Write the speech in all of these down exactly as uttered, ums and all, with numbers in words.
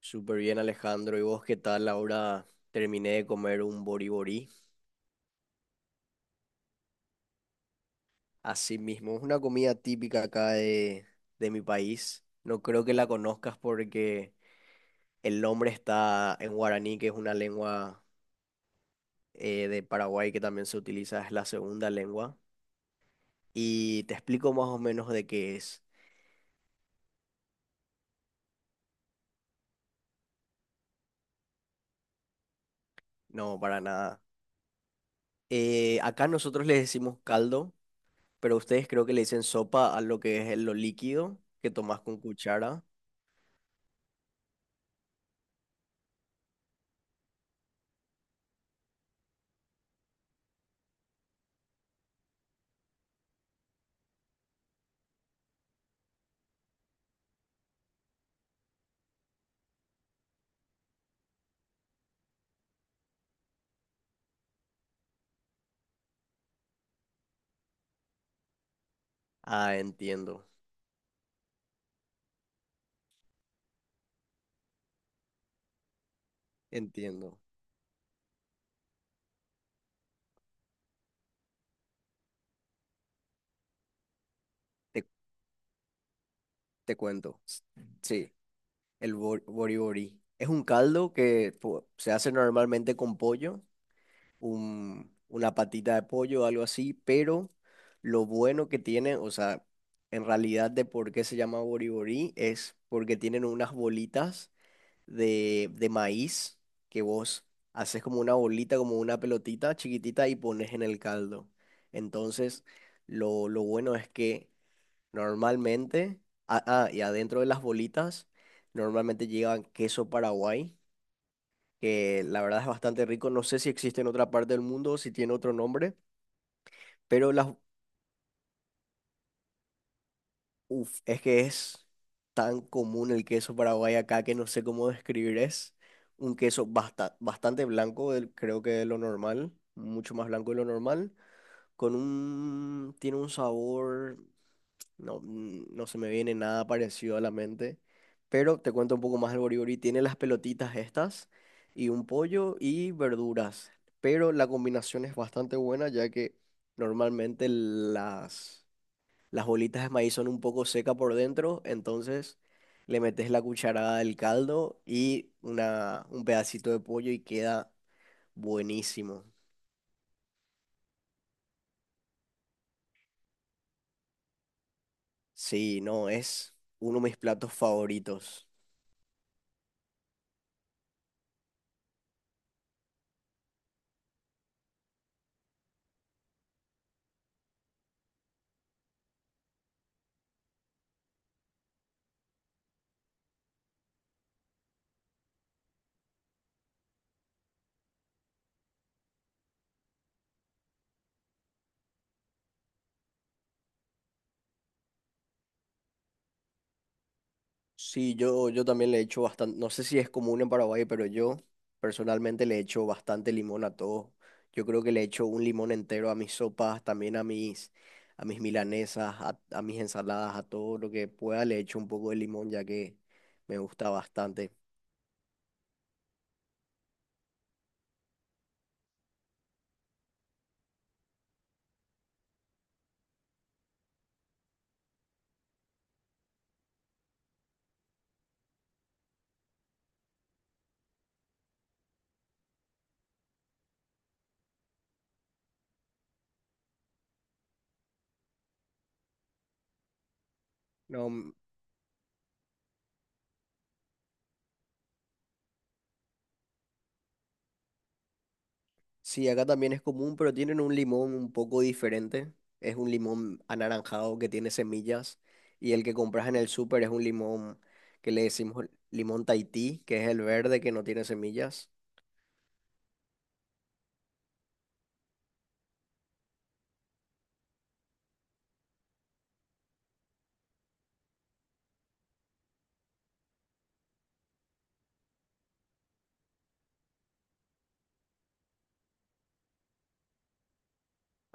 Súper bien, Alejandro. ¿Y vos qué tal? Ahora terminé de comer un boriborí. Así mismo, es una comida típica acá de, de mi país. No creo que la conozcas porque el nombre está en guaraní, que es una lengua eh, de Paraguay que también se utiliza, es la segunda lengua. Y te explico más o menos de qué es. No, para nada. Eh, acá nosotros le decimos caldo, pero ustedes creo que le dicen sopa a lo que es lo líquido que tomás con cuchara. Ah, entiendo. Entiendo, te, te cuento. S- Sí, el bo- bori bori. Es un caldo que po- se hace normalmente con pollo, un- una patita de pollo, algo así, pero lo bueno que tiene, o sea, en realidad de por qué se llama bori bori es porque tienen unas bolitas de, de maíz que vos haces como una bolita, como una pelotita chiquitita y pones en el caldo. Entonces, lo, lo bueno es que normalmente, ah, ah, y adentro de las bolitas, normalmente llevan queso Paraguay, que la verdad es bastante rico. No sé si existe en otra parte del mundo o si tiene otro nombre, pero las, uf, es que es tan común el queso Paraguay acá que no sé cómo describir. Es un queso basta- bastante blanco, del- creo que de lo normal, mucho más blanco de lo normal, con un, tiene un sabor. No, n- no se me viene nada parecido a la mente. Pero te cuento un poco más el boribori. Tiene las pelotitas estas y un pollo y verduras. Pero la combinación es bastante buena ya que normalmente las, las bolitas de maíz son un poco secas por dentro. Entonces le metes la cucharada del caldo y una, un pedacito de pollo y queda buenísimo. Sí, no, es uno de mis platos favoritos. Sí, yo, yo también le echo bastante, no sé si es común en Paraguay, pero yo personalmente le echo bastante limón a todo. Yo creo que le echo un limón entero a mis sopas, también a mis, a mis milanesas, a, a mis ensaladas, a todo lo que pueda le echo un poco de limón, ya que me gusta bastante. No, sí, acá también es común, pero tienen un limón un poco diferente. Es un limón anaranjado que tiene semillas y el que compras en el súper es un limón que le decimos limón Tahití, que es el verde que no tiene semillas.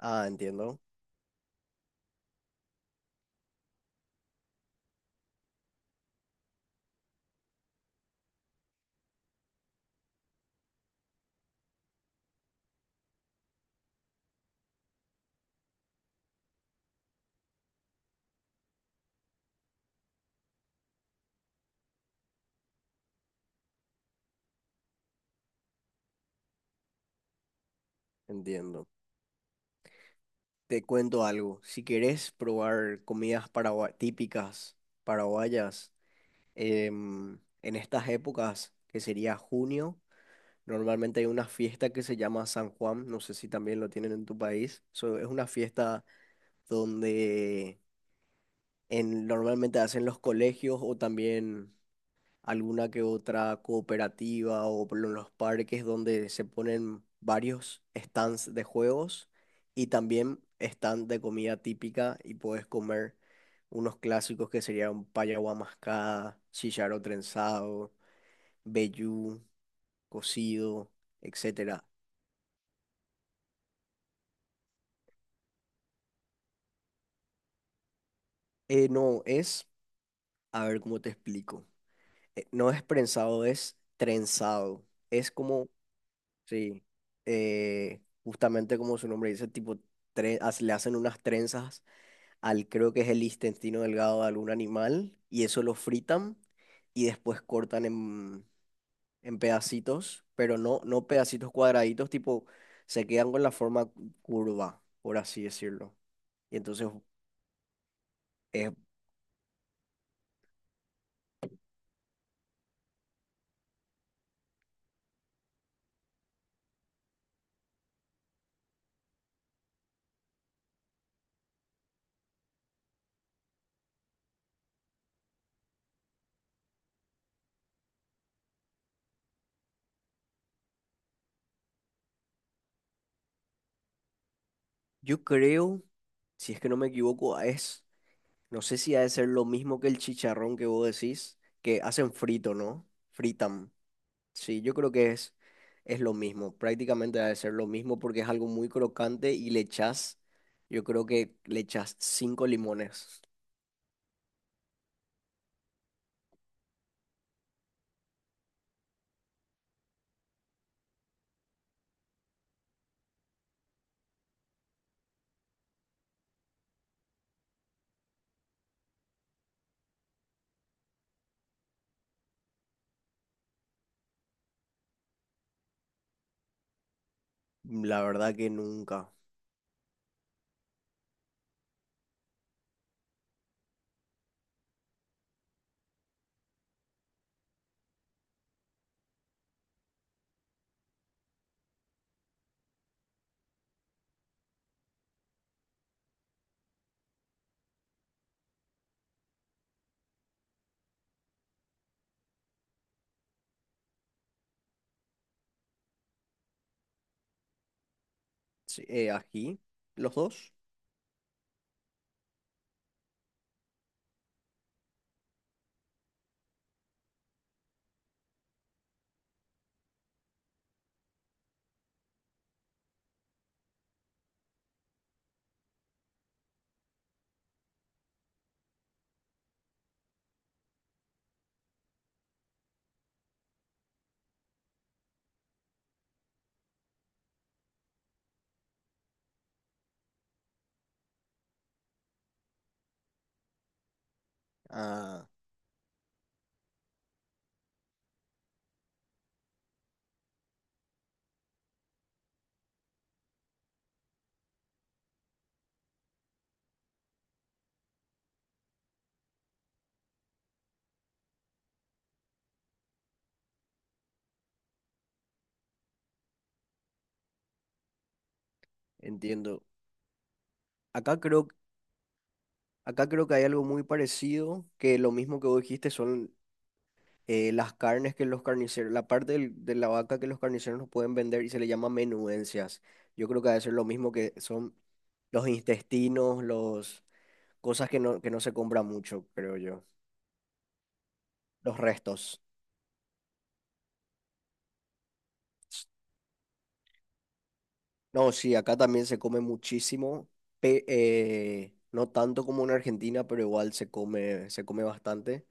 Ah, entiendo, entiendo. Te cuento algo. Si querés probar comidas paragua- típicas paraguayas em, en estas épocas, que sería junio, normalmente hay una fiesta que se llama San Juan. No sé si también lo tienen en tu país. So, es una fiesta donde en, normalmente hacen los colegios o también alguna que otra cooperativa o por los parques donde se ponen varios stands de juegos y también stand de comida típica y puedes comer unos clásicos que serían paya mascada, chicharro trenzado, vellú, cocido, etcétera. Eh, no, es, a ver cómo te explico. Eh, no es prensado, es trenzado. Es como sí, eh, justamente como su nombre dice, tipo, tre- hace- le hacen unas trenzas al, creo que es el intestino delgado de algún animal, y eso lo fritan y después cortan en, en pedacitos, pero no, no pedacitos cuadraditos, tipo, se quedan con la forma cu- curva, por así decirlo. Y entonces, eh, yo creo, si es que no me equivoco, es, no sé si ha de ser lo mismo que el chicharrón que vos decís, que hacen frito, ¿no? Fritan. Sí, yo creo que es, es lo mismo, prácticamente debe ser lo mismo porque es algo muy crocante y le echas, yo creo que le echas cinco limones. La verdad que nunca. Sí, eh, ají, los dos. Ah, entiendo. Acá creo, acá creo que hay algo muy parecido, que lo mismo que vos dijiste son eh, las carnes que los carniceros, la parte del- de la vaca que los carniceros no pueden vender y se le llama menudencias. Yo creo que debe ser lo mismo que son los intestinos, los cosas que no, que no se compran mucho, creo yo. Los restos. No, sí, acá también se come muchísimo. Pe- eh, no tanto como en Argentina, pero igual se come, se come bastante.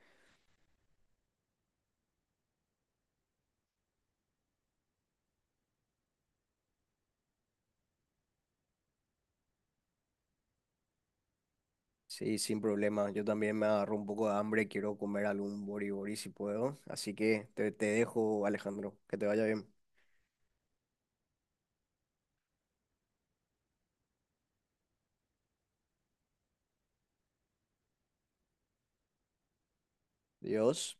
Sí, sin problema. Yo también me agarro un poco de hambre. Quiero comer algún bori bori si puedo. Así que te, te dejo, Alejandro. Que te vaya bien. Dios.